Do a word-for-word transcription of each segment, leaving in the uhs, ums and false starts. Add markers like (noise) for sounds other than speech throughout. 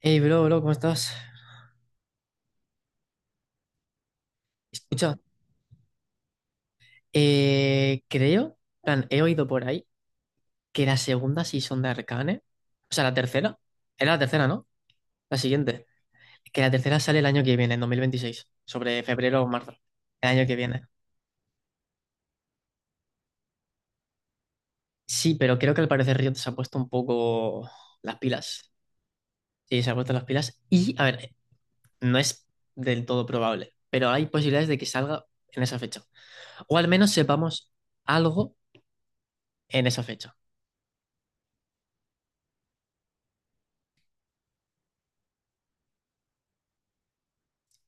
Hey, bro, bro, ¿cómo estás? Escucha, eh, creo, plan, he oído por ahí que la segunda season de Arcane, o sea, la tercera, era la tercera, ¿no? La siguiente, que la tercera sale el año que viene, en dos mil veintiséis, sobre febrero o marzo, el año que viene. Sí, pero creo que al parecer Riot se ha puesto un poco las pilas. Sí, se ha puesto las pilas y, a ver, no es del todo probable, pero hay posibilidades de que salga en esa fecha. O al menos sepamos algo en esa fecha.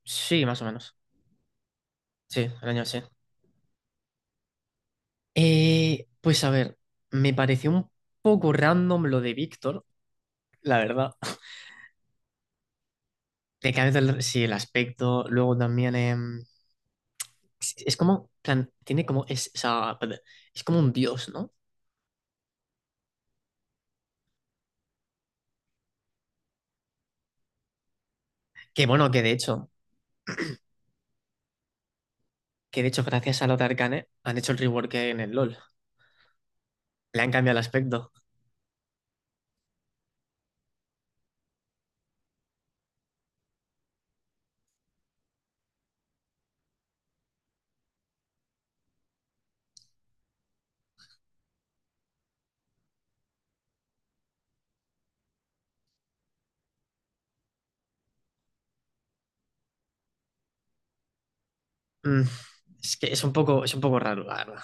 Sí, más o menos. Sí, el año sí. Eh, pues a ver, me pareció un poco random lo de Víctor, la verdad. De que a el- Sí, el aspecto, luego también em, es, es como, plan, tiene como, es, o sea, es como un dios, ¿no? Que bueno, que de hecho, que de hecho gracias a Lothar Arcane han hecho el rework en el LoL. Le han cambiado el aspecto. Mm, es que es un poco, es un poco raro, la verdad.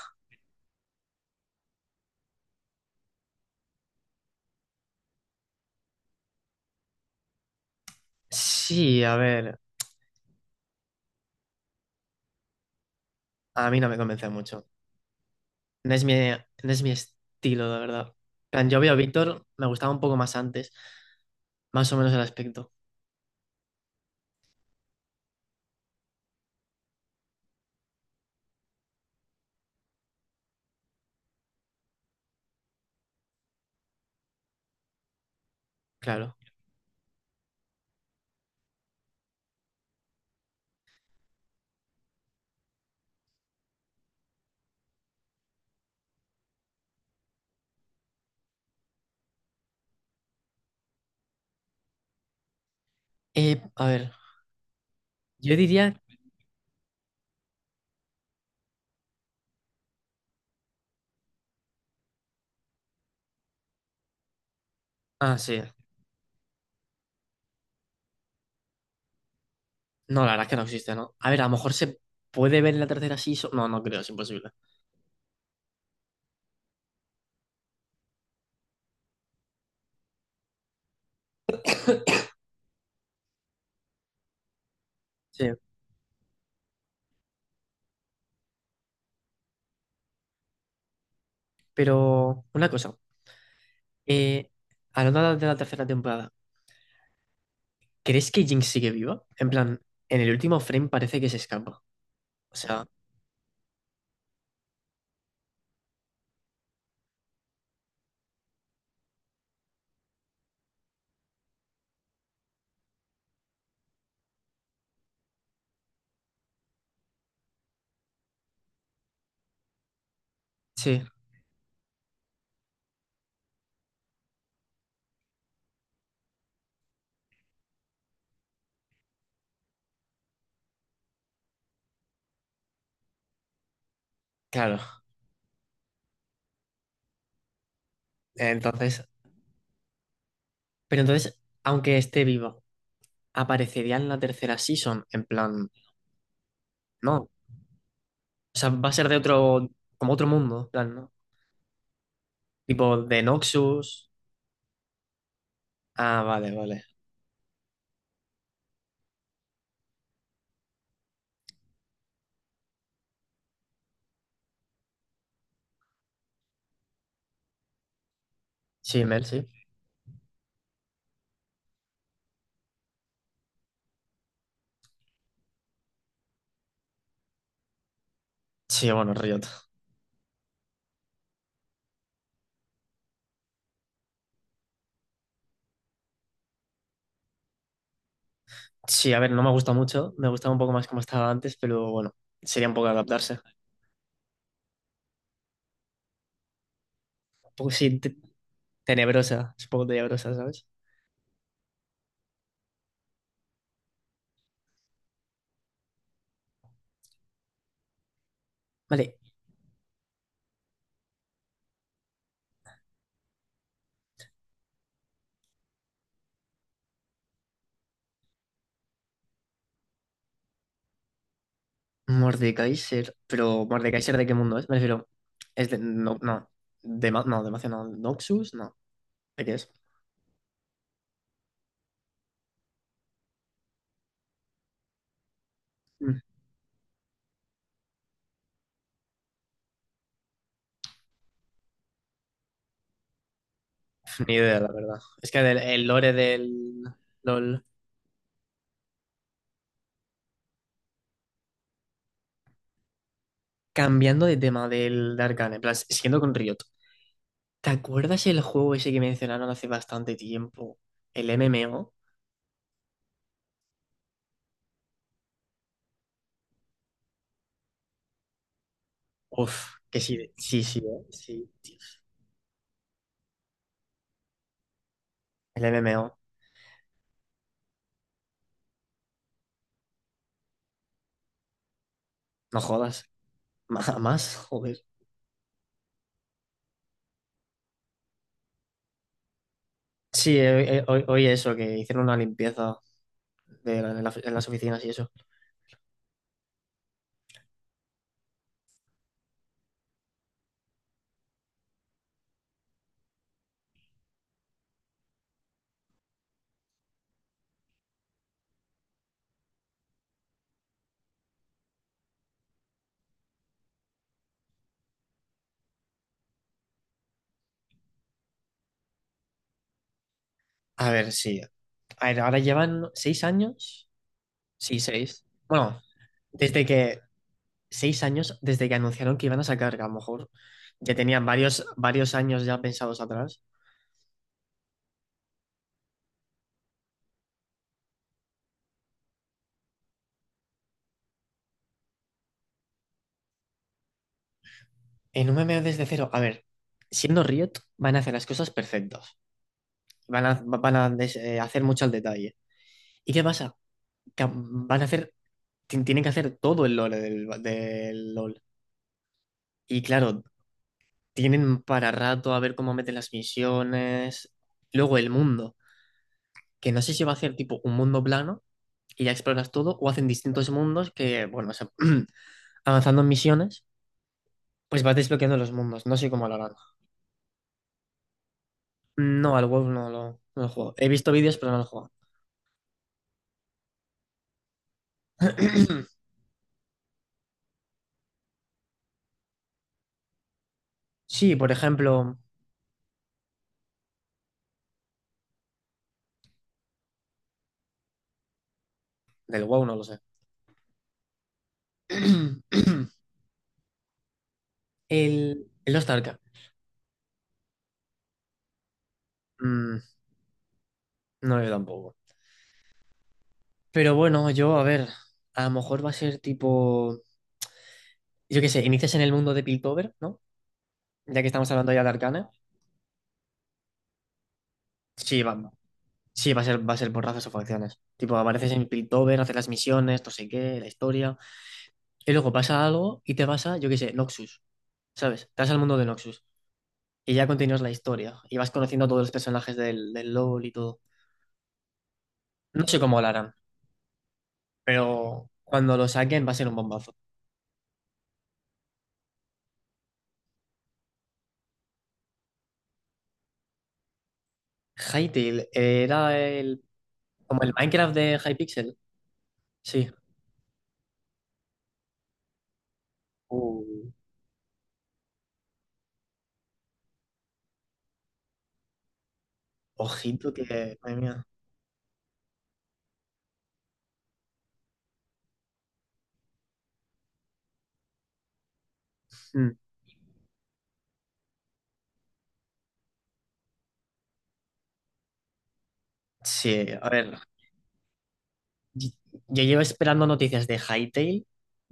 Sí, a ver, a mí no me convence mucho. No es mi, no es mi estilo, de verdad. En plan, yo veo a Víctor, me gustaba un poco más antes, más o menos el aspecto, claro. Eh, a ver, yo diría... Ah, sí. No, la verdad es que no existe, ¿no? A ver, a lo mejor se puede ver en la tercera season. No, no creo, es imposible. Sí. Pero una cosa, eh, hablando de la tercera temporada, ¿crees que Jinx sigue viva? En plan, en el último frame parece que se escapa. O sea, sí, claro. Entonces, pero entonces, aunque esté viva, ¿aparecería en la tercera season? En plan... No, o sea, va a ser de otro, como otro mundo, en plan, ¿no? Tipo de Noxus. Ah, vale, vale. Sí, Mel, sí. Sí, bueno, Riot. Sí, a ver, no me gusta mucho, me gustaba un poco más como estaba antes, pero bueno, sería un poco adaptarse. Un poco, sí, te- tenebrosa, es un poco tenebrosa, ¿sabes? Vale, Mordekaiser, pero ¿Mordekaiser de qué mundo es? Me refiero, es de, no, no, de, Ma- no, de Macia no, Noxus, no, ¿de qué es? Mm, ni idea, la verdad. Es que del- el lore del LOL. Cambiando de tema del de Arcane, en plan, siguiendo con Riot. ¿Te acuerdas el juego ese que mencionaron hace bastante tiempo? El eme eme o. Uf, que sí, sí, sí, eh, sí, dios. El eme eme o. No jodas. (laughs) Ma- Más, joder. Sí, eh, eh, hoy, hoy eso, que hicieron una limpieza de la- en la- en las oficinas y eso. A ver, sí. A ver, ahora llevan seis años. Sí, seis. Bueno, desde que. Seis años desde que anunciaron que iban a sacar, que a lo mejor ya tenían varios, varios años ya pensados atrás. En un eme eme o desde cero, a ver, siendo Riot, van a hacer las cosas perfectas. Van a, van a des- eh, hacer mucho al detalle. ¿Y qué pasa? Que van a hacer, ti- tienen que hacer todo el lore del, del LoL. Y claro, tienen para rato a ver cómo meten las misiones. Luego el mundo, que no sé si va a hacer tipo un mundo plano y ya exploras todo, o hacen distintos mundos que, bueno, o sea, (clears throat) avanzando en misiones, pues vas desbloqueando los mundos. No sé cómo lo harán. No, al WoW no lo, no lo juego. He visto vídeos, pero no lo juego. (clears throat) Sí, por ejemplo, del WoW no lo sé. (clears throat) El, el Lost Ark. Mm, no, yo tampoco. Pero bueno, yo, a ver, a lo mejor va a ser tipo, yo qué sé, inicias en el mundo de Piltover, ¿no? Ya que estamos hablando ya de Arcane. Sí, va, sí, va a ser, va a ser por razas o facciones. Tipo, apareces en Piltover, haces las misiones, no sé qué, la historia. Y luego pasa algo y te vas a, yo qué sé, Noxus, ¿sabes? Te vas al mundo de Noxus. Y ya continúas la historia. Y vas conociendo a todos los personajes del, del LoL y todo. No sé cómo lo harán, pero cuando lo saquen va a ser un bombazo. Hytale era el, como el Minecraft de Hypixel. Sí. Uh, ojito que. Madre mía. Mm. Sí, a ver. Yo yo llevo esperando noticias de Hytale,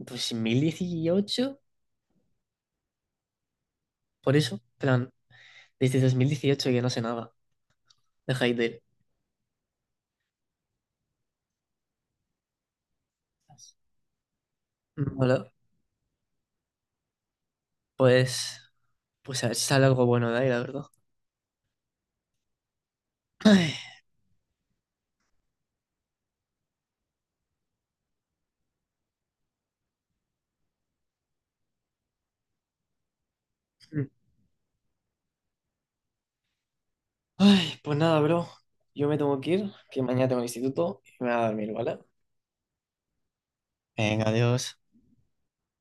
pues en dos mil dieciocho, por eso, plan, desde dos mil dieciocho que no sé nada de Hytale. Mm. Hola. Pues, pues a ver si sale algo bueno de ahí, la verdad. Ay, ay, pues nada, bro. Yo me tengo que ir, que mañana tengo instituto y me voy a dormir, ¿vale? Venga, adiós.